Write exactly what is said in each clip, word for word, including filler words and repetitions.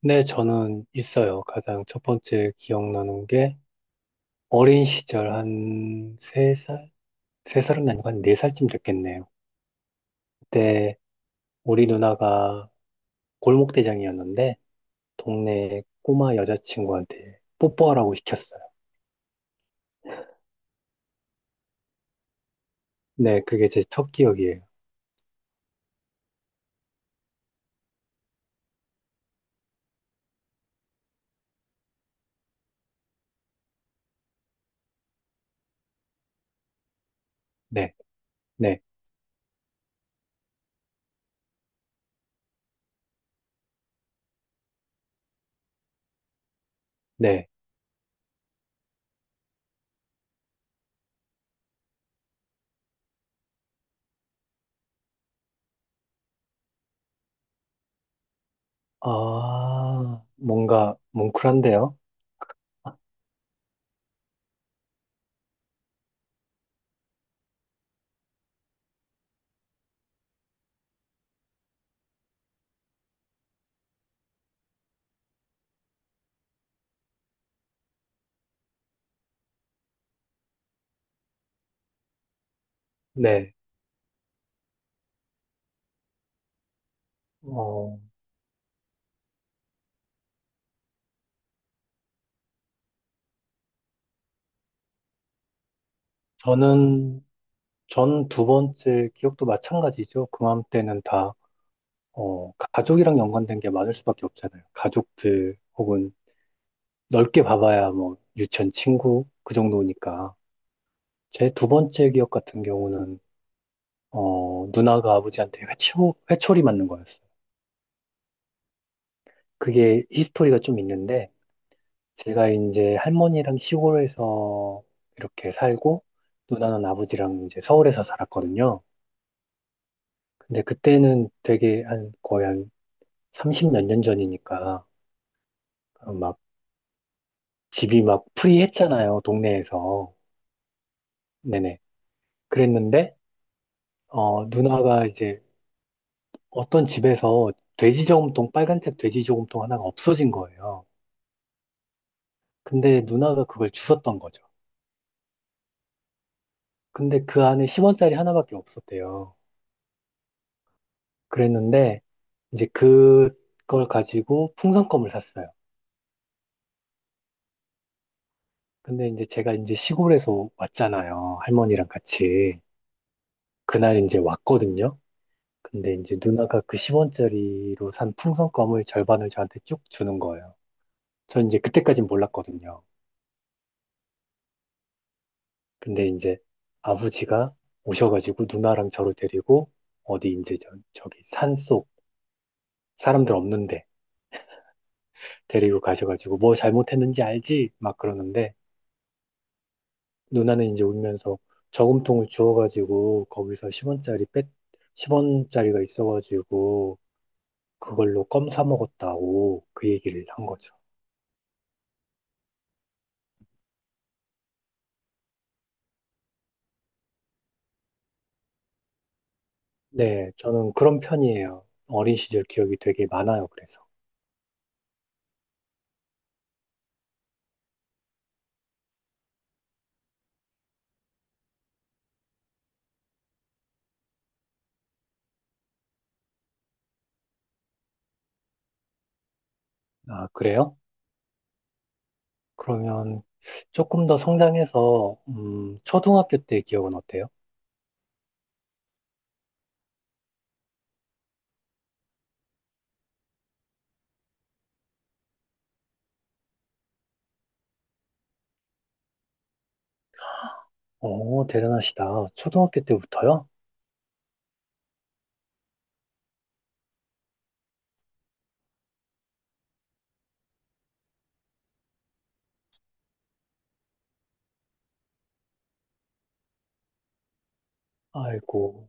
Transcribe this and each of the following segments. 네, 저는 있어요. 가장 첫 번째 기억나는 게 어린 시절 한 세살세살은 아니고 한 네살쯤 됐겠네요. 그때 우리 누나가 골목대장이었는데 동네 꼬마 여자친구한테 뽀뽀하라고 시켰어요. 네, 그게 제 첫 기억이에요. 네, 네, 네. 아, 뭔가 뭉클한데요? 네. 어, 저는, 전 두 번째 기억도 마찬가지죠. 그맘때는 다 어, 가족이랑 연관된 게 맞을 수밖에 없잖아요. 가족들 혹은 넓게 봐봐야 뭐 유치원 친구 그 정도니까. 제 두 번째 기억 같은 경우는 어, 누나가 아버지한테 회초, 회초리 맞는 거였어요. 그게 히스토리가 좀 있는데 제가 이제 할머니랑 시골에서 이렇게 살고 누나는 아버지랑 이제 서울에서 살았거든요. 근데 그때는 되게 한 거의 한 삼십 몇 년 전이니까 막 집이 막 프리했잖아요, 동네에서. 네네. 그랬는데, 어, 누나가 이제 어떤 집에서 돼지 저금통, 빨간색 돼지 저금통 하나가 없어진 거예요. 근데 누나가 그걸 주웠던 거죠. 근데 그 안에 십 원짜리 하나밖에 없었대요. 그랬는데, 이제 그걸 가지고 풍선껌을 샀어요. 근데 이제 제가 이제 시골에서 왔잖아요. 할머니랑 같이. 그날 이제 왔거든요. 근데 이제 누나가 그 십 원짜리로 산 풍선껌을 절반을 저한테 쭉 주는 거예요. 전 이제 그때까진 몰랐거든요. 근데 이제 아버지가 오셔가지고 누나랑 저를 데리고 어디 이제 저, 저기 산속 사람들 없는데 데리고 가셔가지고 뭐 잘못했는지 알지? 막 그러는데 누나는 이제 울면서 저금통을 주워가지고 거기서 십원짜리 뺏 십 원짜리가 있어가지고 그걸로 껌 사 먹었다고 그 얘기를 한 거죠. 네, 저는 그런 편이에요. 어린 시절 기억이 되게 많아요, 그래서. 아, 그래요? 그러면 조금 더 성장해서 음, 초등학교 때 기억은 어때요? 오, 대단하시다. 초등학교 때부터요? 아이고.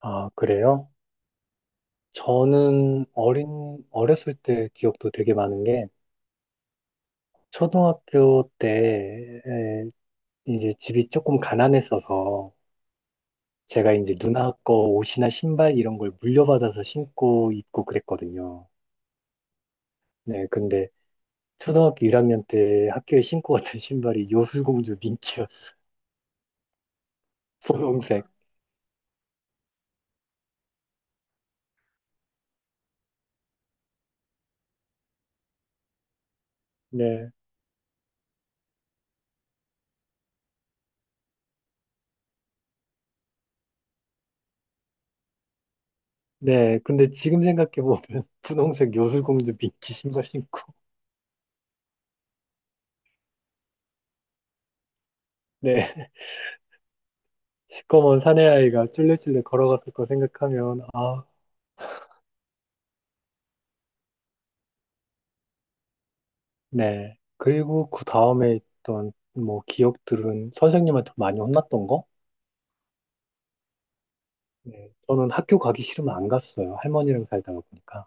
아, 그래요? 저는 어린, 어렸을 때 기억도 되게 많은 게, 초등학교 때 에, 이제 집이 조금 가난했어서, 제가 이제 누나 거 옷이나 신발 이런 걸 물려받아서 신고 입고 그랬거든요. 네, 근데 초등학교 일 학년 때 학교에 신고 갔던 신발이 요술공주 민키였어요. 분홍색. 네. 네. 근데 지금 생각해보면 분홍색 요술공주 미끼 신발 신고. 네. 시꺼먼 사내아이가 쫄래쫄래 걸어갔을 거 생각하면, 아. 네. 그리고 그 다음에 있던 뭐 기억들은 선생님한테 많이 혼났던 거? 네. 저는 학교 가기 싫으면 안 갔어요. 할머니랑 살다가 보니까.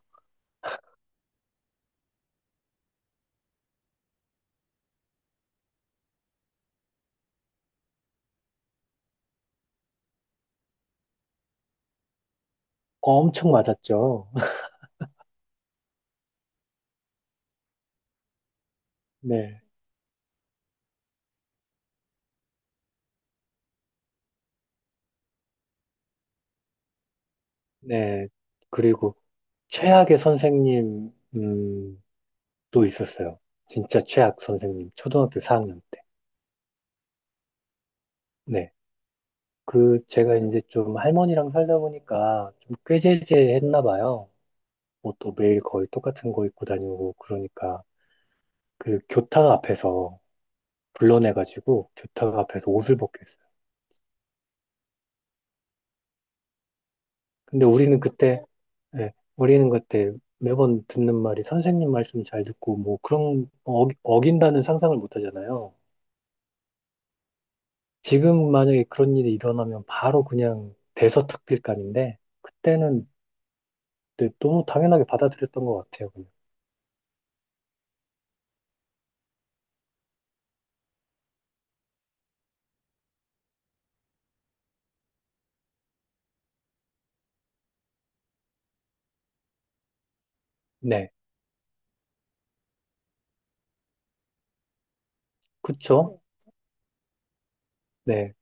엄청 맞았죠. 네. 네. 그리고 최악의 선생님, 음, 또 있었어요. 진짜 최악 선생님. 초등학교 사 학년 때. 네. 그 제가 이제 좀 할머니랑 살다 보니까 좀 꾀죄죄했나 봐요. 옷도 매일 거의 똑같은 거 입고 다니고 그러니까 그 교탁 앞에서 불러내가지고 교탁 앞에서 옷을 벗겼어요. 근데 우리는 그때 예, 우리는 그때 매번 듣는 말이 선생님 말씀 잘 듣고 뭐 그런 어, 어긴다는 상상을 못 하잖아요. 지금 만약에 그런 일이 일어나면 바로 그냥 대서특필감인데 그때는 네, 너무 당연하게 받아들였던 것 같아요. 그냥. 네, 그쵸? 네. 네.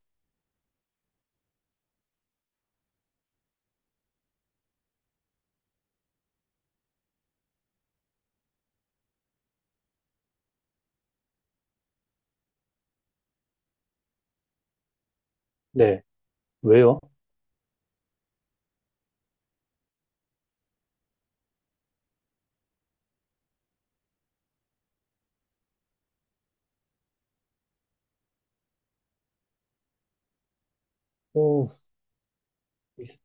네. 왜요? 오, 있-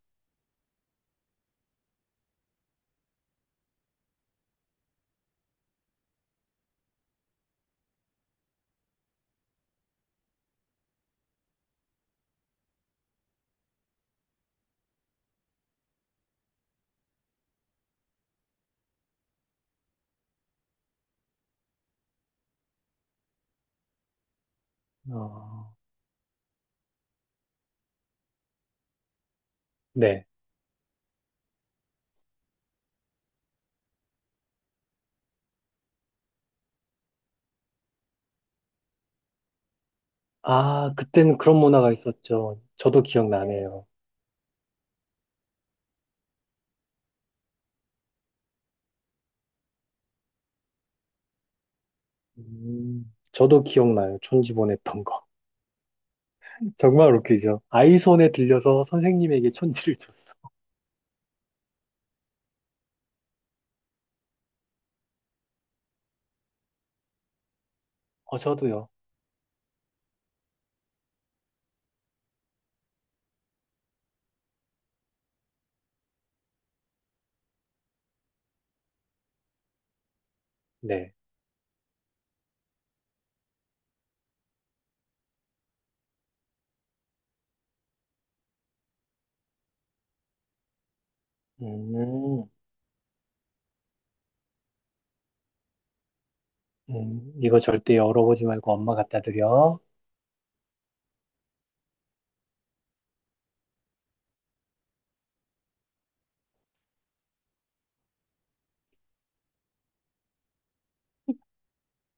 아, 네. 아, 그때는 그런 문화가 있었죠. 저도 기억나네요. 음, 저도 기억나요. 촌지 보냈던 거. 정말 웃기죠. 아이 손에 들려서 선생님에게 촌지를 줬어. 어, 저도요. 네. 음, 음, 이거 절대 열어보지 말고 엄마 갖다 드려.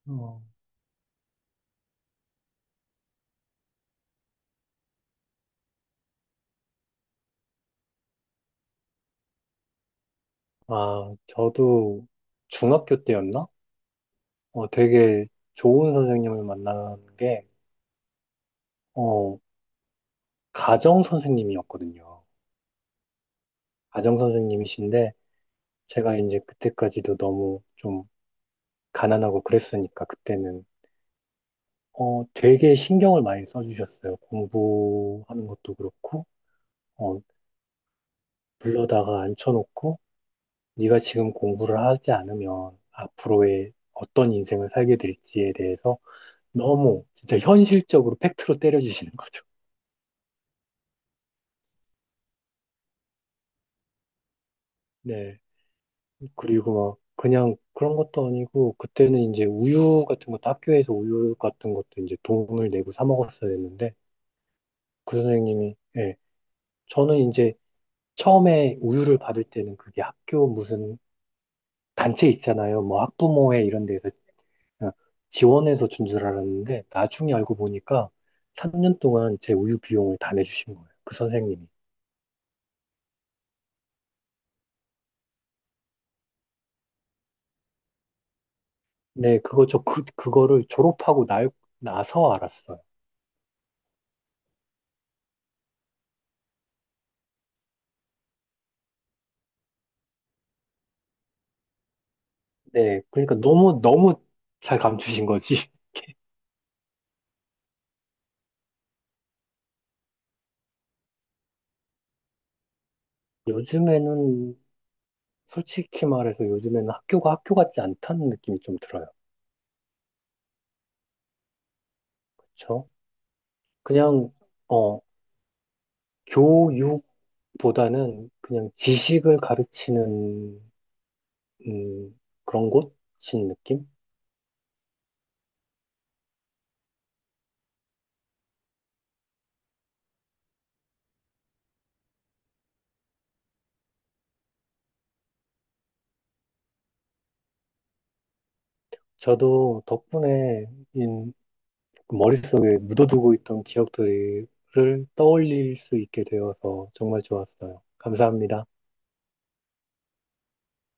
어. 아, 저도 중학교 때였나? 어, 되게 좋은 선생님을 만난 게, 어, 가정 선생님이었거든요. 가정 선생님이신데 제가 이제 그때까지도 너무 좀 가난하고 그랬으니까 그때는 어 되게 신경을 많이 써주셨어요. 공부하는 것도 그렇고 어 불러다가 앉혀놓고 네가 지금 공부를 하지 않으면 앞으로의 어떤 인생을 살게 될지에 대해서 너무 진짜 현실적으로 팩트로 때려주시는 거죠. 네. 그리고 막 그냥 그런 것도 아니고 그때는 이제 우유 같은 것도 학교에서 우유 같은 것도 이제 돈을 내고 사 먹었어야 했는데 그 선생님이, 예. 저는 이제 처음에 우유를 받을 때는 그게 학교 무슨 단체 있잖아요. 뭐 학부모회 이런 데에서 어, 지원해서 준 줄 알았는데 나중에 알고 보니까 삼 년 동안 제 우유 비용을 다 내주신 거예요. 그 선생님이. 네, 그거 저 그, 그거를 졸업하고 날, 나서 알았어요. 네, 그러니까 너무 너무 잘 감추신 거지. 요즘에는 솔직히 말해서 요즘에는 학교가 학교 같지 않다는 느낌이 좀 들어요. 그렇죠? 그냥 어 교육보다는 그냥 지식을 가르치는 음, 그런 곳인 느낌? 저도 덕분에 인- 머릿속에 묻어두고 있던 기억들을 떠올릴 수 있게 되어서 정말 좋았어요. 감사합니다.